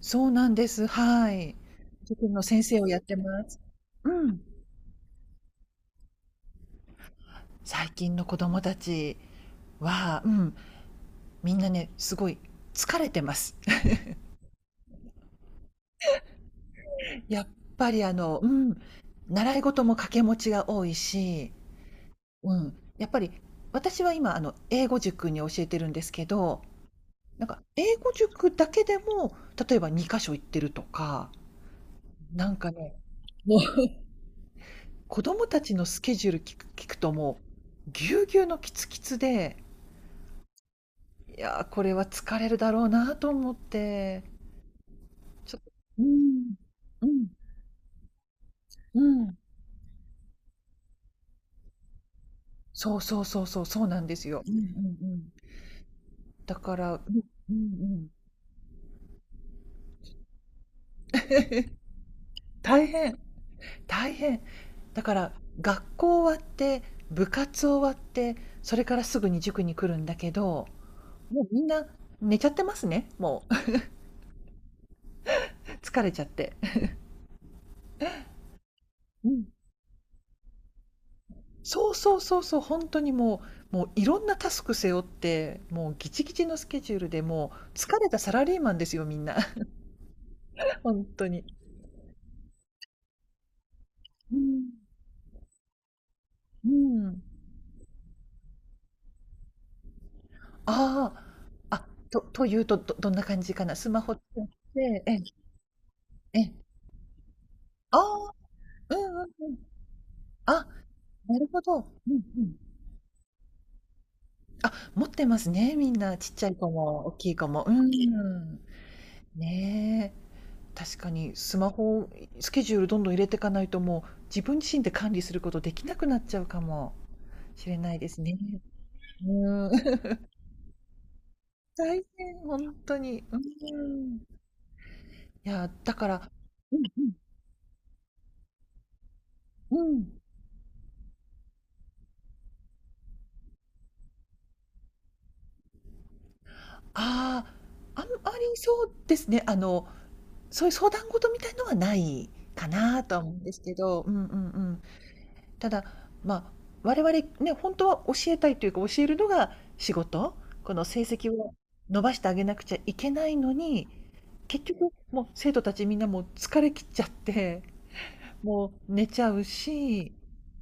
そうなんです。はい。塾の先生をやってます。うん。最近の子供たちは、うん、みんなね、すごい疲れてます。やっぱりうん、習い事も掛け持ちが多いし、うん、やっぱり私は今英語塾に教えてるんですけど、なんか英語塾だけでも、例えば2か所行ってるとか、なんかね、もう 子供たちのスケジュール聞くともう、ぎゅうぎゅうのキツキツでいやー、これは疲れるだろうなと思って、ちょっとうん。うん。うん。そうそうそうそう、そうなんですよ。うんうんうん。だから、うん、うんうん。大変、大変。だから、学校終わって、部活終わって、それからすぐに塾に来るんだけど、もうみんな寝ちゃってますね、もう 疲れちゃって。そうそうそうそう、本当にもうもういろんなタスク背負って、もうギチギチのスケジュールで、もう疲れたサラリーマンですよ、みんな。本当に。うん。うーん。ああ、あ、というと、どんな感じかな。スマホ使って、ええ、ええ。ああ、うんうんうん。あ、なるほど。うんうん。あ、持ってますね、みんな。ちっちゃい子も大きい子も。うん。ねえ確かにスマホをスケジュールどんどん入れていかないと、もう自分自身で管理することできなくなっちゃうかもしれないですね。うーん。大変、本当に。うーん。いや、だからうんうん。うん。ああ、あんまりそうですね、そういう相談事みたいのはないかなとは思うんですけど、うんうんうん。ただ、まあ、我々ね、本当は教えたいというか、教えるのが仕事、この成績を伸ばしてあげなくちゃいけないのに、結局もう生徒たちみんなもう疲れきっちゃって、もう寝ちゃうし、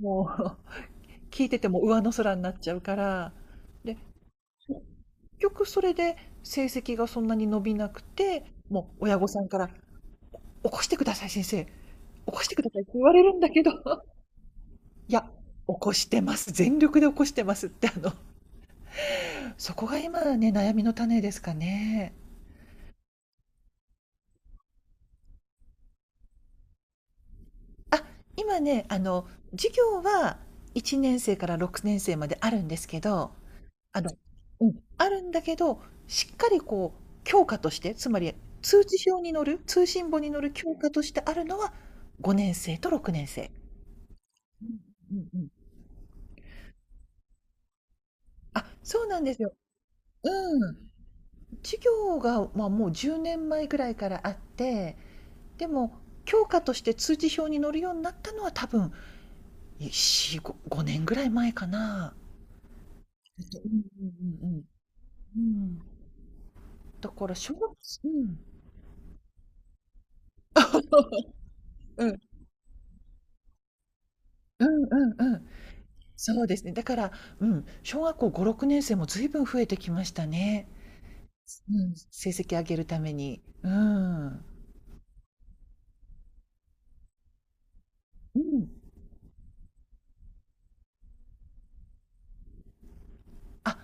もう 聞いてても上の空になっちゃうから、で、結局それで成績がそんなに伸びなくて、もう親御さんから起こしてください先生、起こしてくださいって言われるんだけど、いや、起こしてます、全力で起こしてますってそこが今ね、悩みの種ですかね。あ、今ね、授業は1年生から6年生まであるんですけど、あのうん、あるんだけど、しっかりこう教科として、つまり通知表に載る、通信簿に載る教科としてあるのは5年生と6年生。うんうんうん。あ、そうなんですよ。うん。授業が、まあ、もう10年前ぐらいからあって、でも教科として通知表に載るようになったのは多分4、5、5年ぐらい前かな。うんうんうんうんうんだから小学、うん、うんうんうんうん。そうですね。だから、うん、小学校5、6年生も随分増えてきましたね。うん成績上げるために。うん。うん。あ、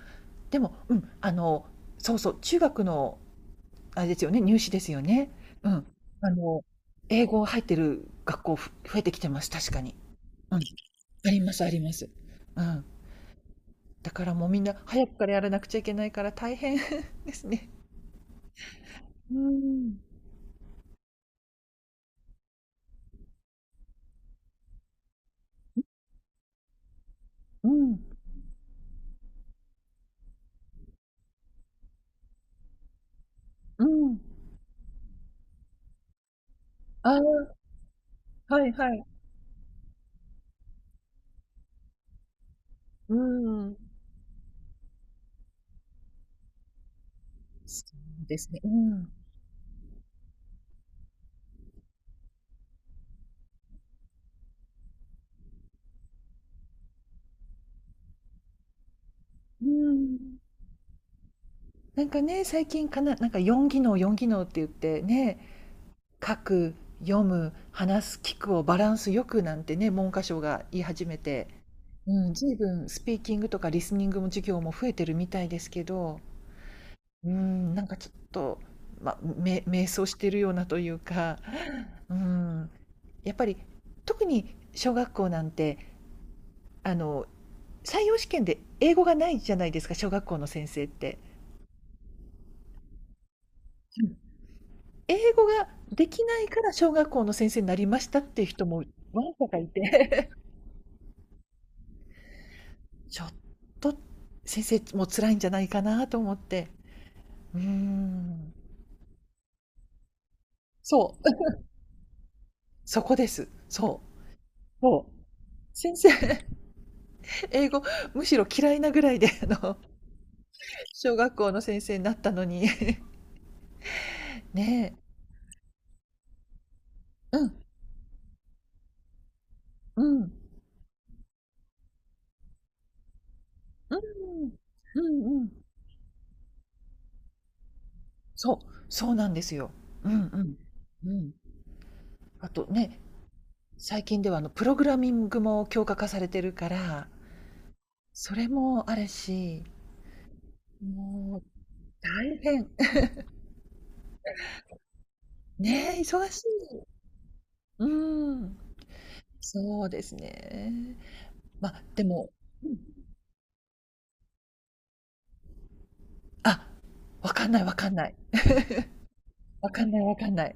でも、うん、そうそう、中学の、あれですよね、入試ですよね。うん。あの、英語入ってる学校増えてきてます、確かに。うん。あります、あります。うん。だからもうみんな早くからやらなくちゃいけないから大変 ですね。うーん、うん、うん。ああ、はいはい。うーん。そうですね。うん。うーん。なんかね、最近かな、なんか4技能、4技能って言ってね、書く、読む、話す、聞くをバランスよくなんてね、文科省が言い始めて、うん、随分スピーキングとかリスニングも授業も増えてるみたいですけど、うーん、なんかちょっと、ま、迷走してるようなというか、うーん、やっぱり特に小学校なんて、あの、採用試験で英語がないじゃないですか、小学校の先生って。うん。英語ができないから小学校の先生になりましたっていう人もわんさかいて、ちょっと先生も辛いんじゃないかなと思って。うーん。そう、うん、そこです。そう、そう。先生、英語むしろ嫌いなぐらいで、小学校の先生になったのに ねえ。うん、うん、うん、うんうん。そう、そうなんですよ。うんうん。うん。あとね、最近ではプログラミングも強化化されてるから、それもあるし、もう大変。ねえ、忙しい。うん。そうですね。まあ、でも、うんあ、わかんないわかんない。わかんないわかんない。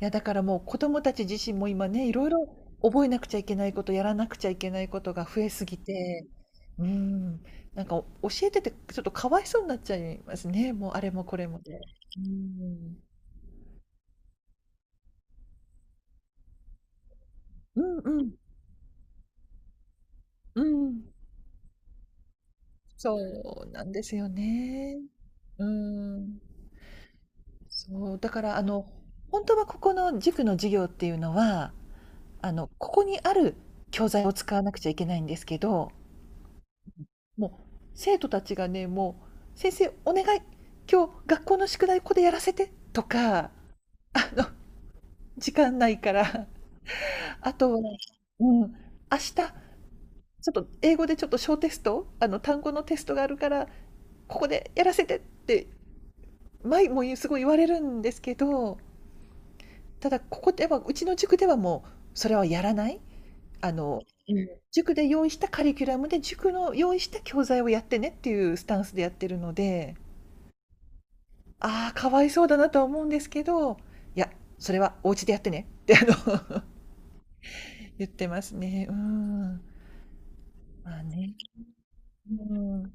や、だからもう子供たち自身も今ね、いろいろ覚えなくちゃいけないこと、やらなくちゃいけないことが増えすぎて、うん、なんか教えててちょっとかわいそうになっちゃいますね。もうあれもこれもで。うん。うんうん。うん。そうなんですよね。うん。そう、だから本当はここの塾の授業っていうのは、ここにある教材を使わなくちゃいけないんですけどもう生徒たちがねもう「先生お願い今日学校の宿題ここでやらせて」とかの 時間ないからあとは、うん、明日ちょっと英語でちょっと小テスト単語のテストがあるからここでやらせてって前もすごい言われるんですけどただここではうちの塾ではもうそれはやらない。あの、うん、塾で用意したカリキュラムで塾の用意した教材をやってねっていうスタンスでやってるので。ああ、かわいそうだなとは思うんですけど、いや、それはお家でやってねって言ってますね。うーん。まあね。うん。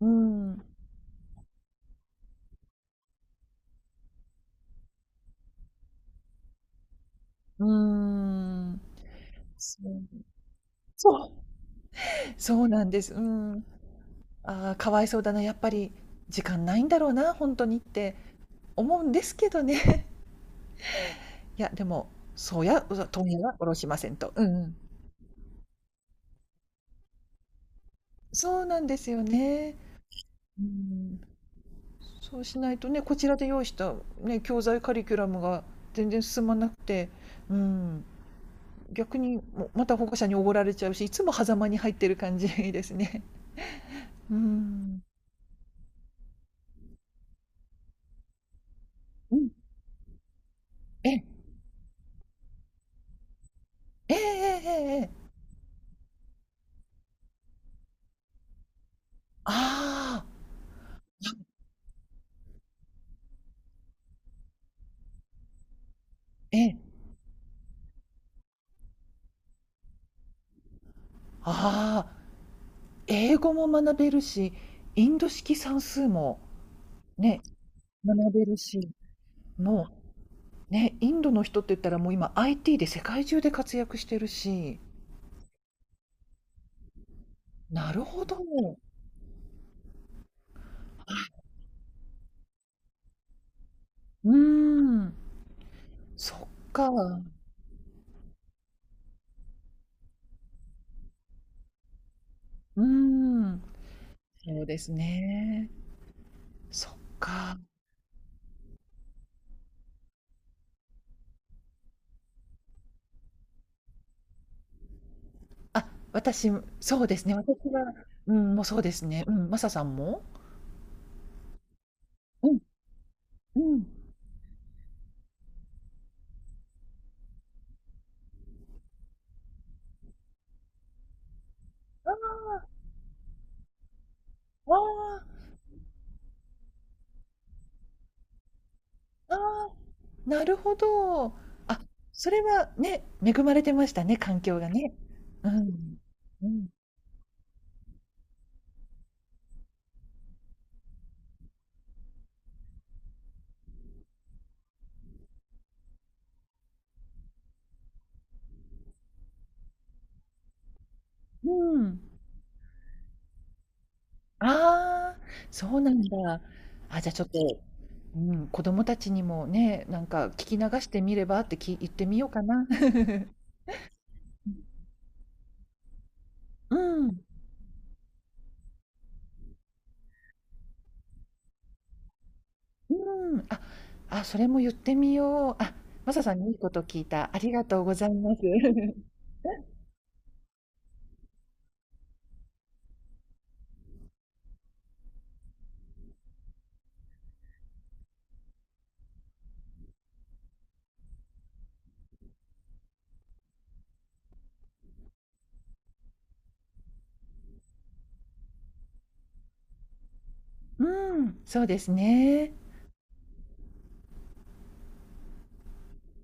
うん。うん。そう。そう。そうなんです。うん。ああ、かわいそうだな、やっぱり時間ないんだろうな、本当にって思うんですけどね。いや、でも、そうやうわ問屋は殺しませんと。うんうん。そうなんですよね。うん。そうしないとね、こちらで用意した、ね、教材カリキュラムが全然進まなくて、うん、逆にもまた保護者におごられちゃうし、いつも狭間に入ってる感じですね。うん。うん。え、ええええええああ、ええ、ああ、英語も学べるし、インド式算数もね、学べるし、もうね、インドの人って言ったらもう今 IT で世界中で活躍してるし、なるほど。うーん。そっか。うーん。そうですね。そっか。あ、私そうですね、私はうん、もうそうですね。うん、マサさんも？うん、うん。ああ、ああ、ああ、なるほど。あ、それはね、恵まれてましたね、環境がね。うん。うん。うん。ああ、そうなんだ。あ、じゃ、あちょっと、うん、子供たちにもね、なんか聞き流してみればって言ってみようかな。うん、うん。あ、あ、それも言ってみよう。あ、マサさんにいいこと聞いた。ありがとうございます。うん、そうですね。